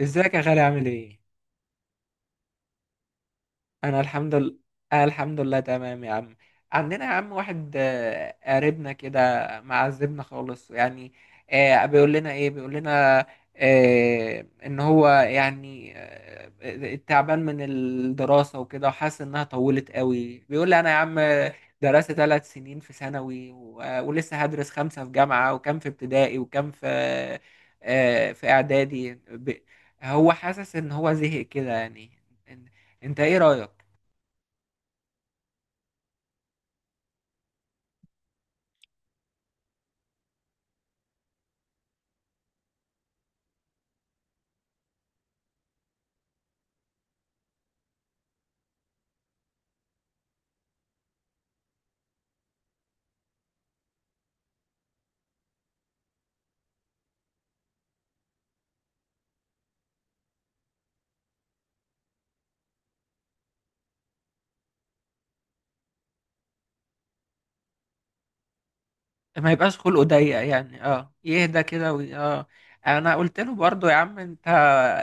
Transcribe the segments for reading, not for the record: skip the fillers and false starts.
ازيك يا غالي عامل ايه؟ انا الحمد لله. أنا الحمد لله تمام يا عم. عندنا يا عم واحد، قريبنا كده معذبنا خالص يعني. بيقول لنا ايه، بيقول لنا ان هو يعني تعبان من الدراسة وكده وحاسس انها طولت قوي. بيقول لي انا يا عم درست 3 سنين في ثانوي ولسه هدرس خمسة في جامعة وكم في ابتدائي وكم في في اعدادي هو حاسس ان هو زهق كده يعني. انت ايه رأيك؟ ما يبقاش خلقه ضيق يعني، اه، يهدى كده اه. انا قلت له برضه يا عم انت،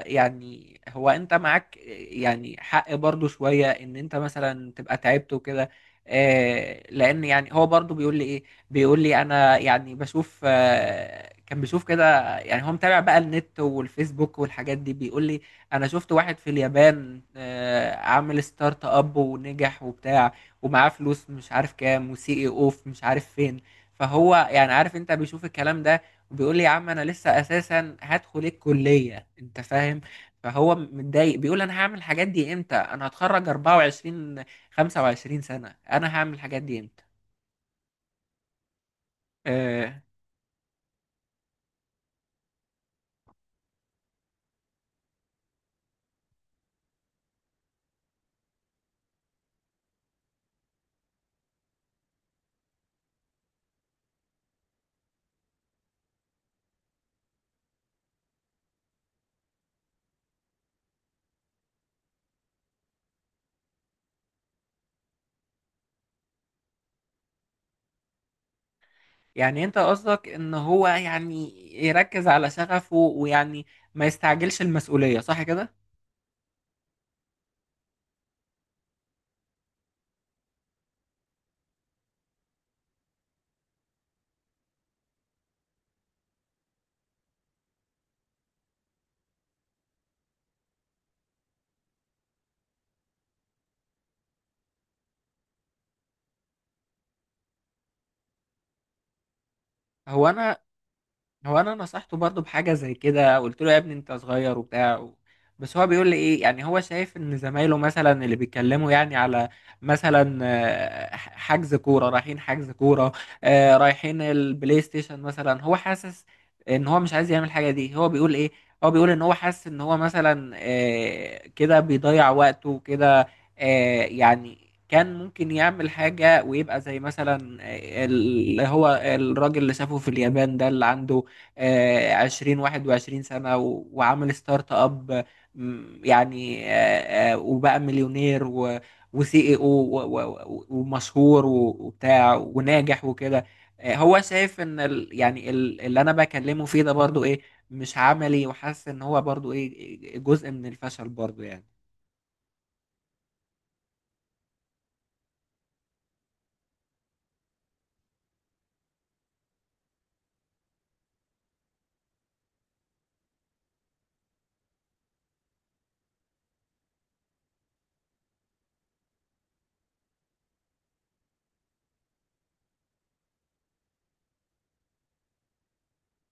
يعني هو انت معاك يعني حق برضو شوية ان انت مثلا تبقى تعبت وكده، لان يعني هو برضو بيقول لي ايه، بيقول لي انا يعني بشوف، كان بيشوف كده. يعني هو متابع بقى النت والفيسبوك والحاجات دي. بيقول لي انا شفت واحد في اليابان عامل ستارت اب ونجح وبتاع ومعاه فلوس مش عارف كام وسي اي اوف مش عارف فين. فهو يعني عارف، انت بيشوف الكلام ده. بيقول لي يا عم انا لسه اساسا هدخل الكليه، انت فاهم. فهو متضايق، بيقول انا هعمل الحاجات دي امتى، انا هتخرج 24، 25 سنه، انا هعمل الحاجات دي امتى؟ آه يعني انت قصدك ان هو يعني يركز على شغفه ويعني ما يستعجلش المسؤوليه، صح كده؟ هو انا هو انا نصحته برضه بحاجه زي كده، قلت له يا ابني انت صغير وبتاع بس هو بيقول لي ايه، يعني هو شايف ان زمايله مثلا اللي بيتكلموا يعني على مثلا حجز كوره، رايحين حجز كوره، رايحين البلاي ستيشن مثلا. هو حاسس ان هو مش عايز يعمل الحاجه دي. هو بيقول ايه، هو بيقول ان هو حاسس ان هو مثلا كده بيضيع وقته كده، يعني كان ممكن يعمل حاجة ويبقى زي مثلا اللي هو الراجل اللي شافه في اليابان ده، اللي عنده 20 21 سنة وعمل ستارت اب. يعني وبقى مليونير وسي اي او ومشهور وبتاع وناجح وكده. هو شايف ان ال اللي انا بكلمه فيه ده برضو ايه، مش عملي، وحاسس ان هو برضو ايه، جزء من الفشل برضو يعني.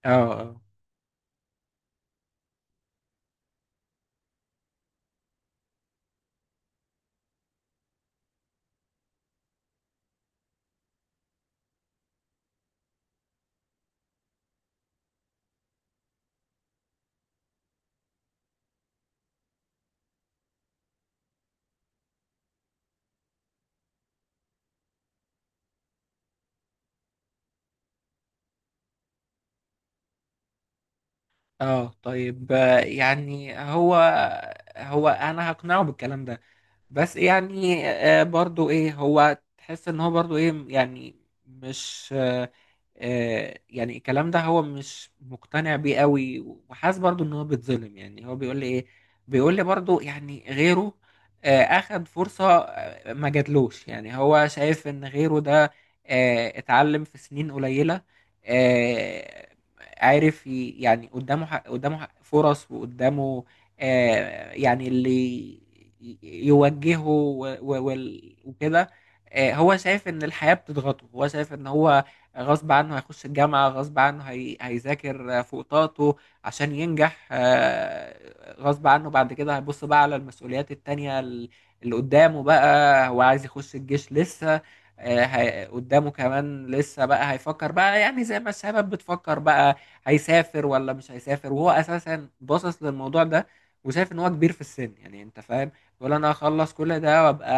اه. اه. اه طيب، يعني هو انا هقنعه بالكلام ده، بس يعني برضو ايه هو تحس ان هو برضو ايه يعني، مش يعني الكلام ده هو مش مقتنع بيه قوي، وحاسس برضو ان هو بيتظلم. يعني هو بيقول لي ايه، بيقول لي برضو يعني غيره اخد فرصة ما جاتلوش. يعني هو شايف ان غيره ده اتعلم في سنين قليلة، آه، عارف يعني قدامه فرص، وقدامه يعني اللي يوجهه وكده. هو شايف ان الحياة بتضغطه. هو شايف ان هو غصب عنه هيخش الجامعة، غصب عنه هيذاكر فوق طاقته عشان ينجح، غصب عنه بعد كده هيبص بقى على المسؤوليات التانية اللي قدامه بقى. هو عايز يخش الجيش لسه، قدامه كمان لسه بقى. هيفكر بقى يعني زي ما الشباب بتفكر بقى هيسافر ولا مش هيسافر، وهو اساسا باصص للموضوع ده وشايف ان هو كبير في السن، يعني انت فاهم. بيقول انا هخلص كل ده وابقى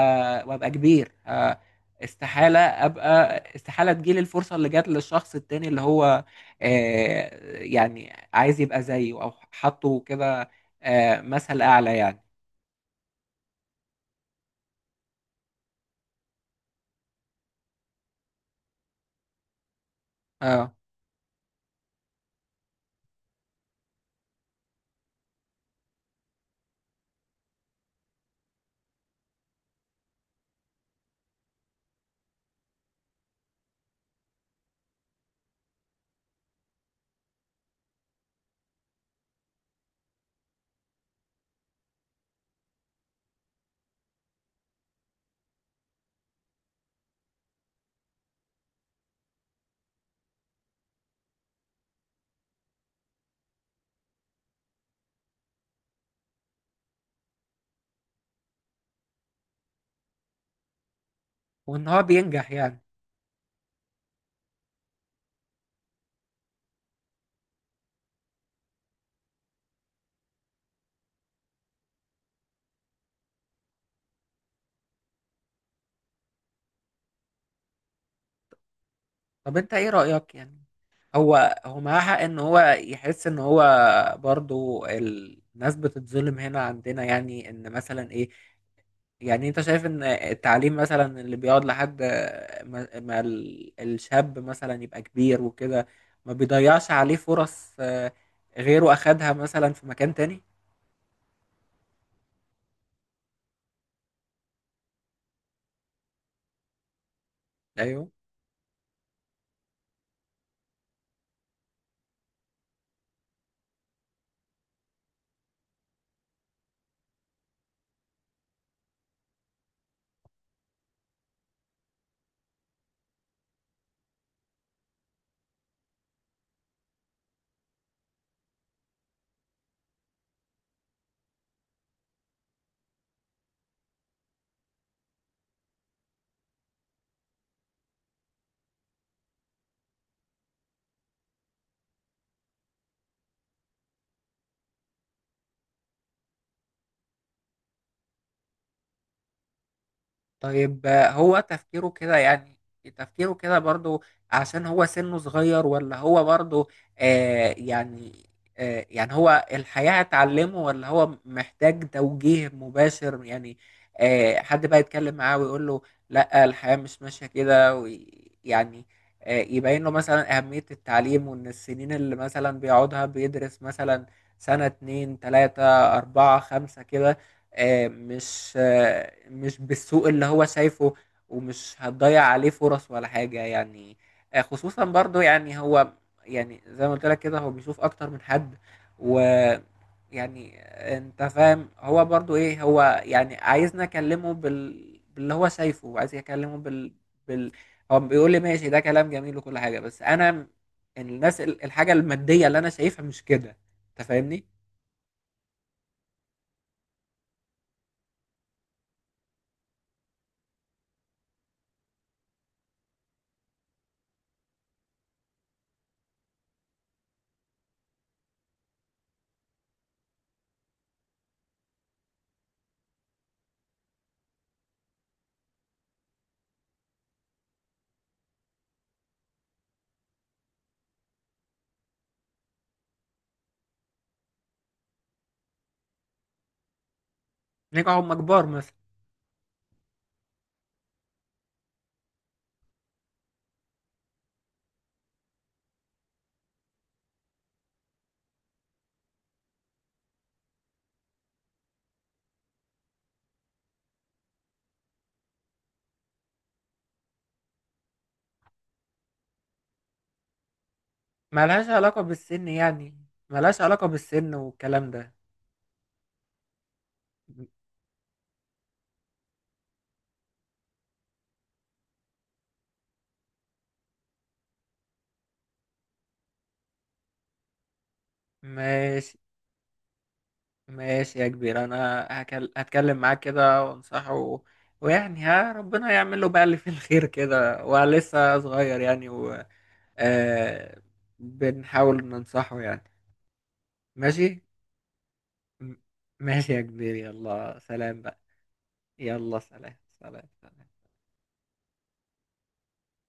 وابقى كبير، استحالة ابقى، استحالة تجيلي الفرصة اللي جات للشخص التاني اللي هو آه، يعني عايز يبقى زيه او حاطه كده مثل اعلى يعني. اه. وان هو بينجح يعني. طب انت ايه رأيك يعني؟ هو معاه حق ان هو يحس ان هو برضو الناس بتتظلم هنا عندنا، يعني ان مثلا ايه، يعني انت شايف ان التعليم مثلا اللي بيقعد لحد ما الشاب مثلا يبقى كبير وكده، ما بيضيعش عليه فرص؟ غيره اخدها مثلا في مكان تاني. ايوه. طيب، هو تفكيره كده يعني، تفكيره كده برضو عشان هو سنه صغير، ولا هو برضو يعني يعني هو الحياة هتعلمه، ولا هو محتاج توجيه مباشر يعني حد بقى يتكلم معاه ويقول له لا الحياة مش ماشية كده، يعني يبين له مثلا أهمية التعليم، وإن السنين اللي مثلا بيقعدها بيدرس مثلا سنة، اتنين، تلاتة، أربعة، خمسة كده، مش مش بالسوء اللي هو شايفه، ومش هتضيع عليه فرص ولا حاجة يعني. خصوصا برضو يعني هو، يعني زي ما قلت لك كده هو بيشوف اكتر من حد، و، يعني انت فاهم. هو برضو ايه، هو يعني عايزنا اكلمه باللي هو شايفه، وعايز اكلمه بال... هو بيقول لي ماشي، ده كلام جميل وكل حاجة، بس انا الناس، الحاجة المادية اللي انا شايفها مش كده، انت فاهمني. نجحوا هم كبار مثلا. ملهاش علاقة بالسن يعني؟ ملهاش علاقة بالسن والكلام ده. م- ماشي. ماشي يا كبير، انا هتكلم معاه كده وانصحه، ويعني، ها، ربنا يعمل له بقى اللي فيه الخير كده، ولسه صغير يعني آه... بنحاول ننصحه يعني. ماشي. م- ماشي يا كبير، يلا سلام بقى. يلا سلام، سلام، سلام.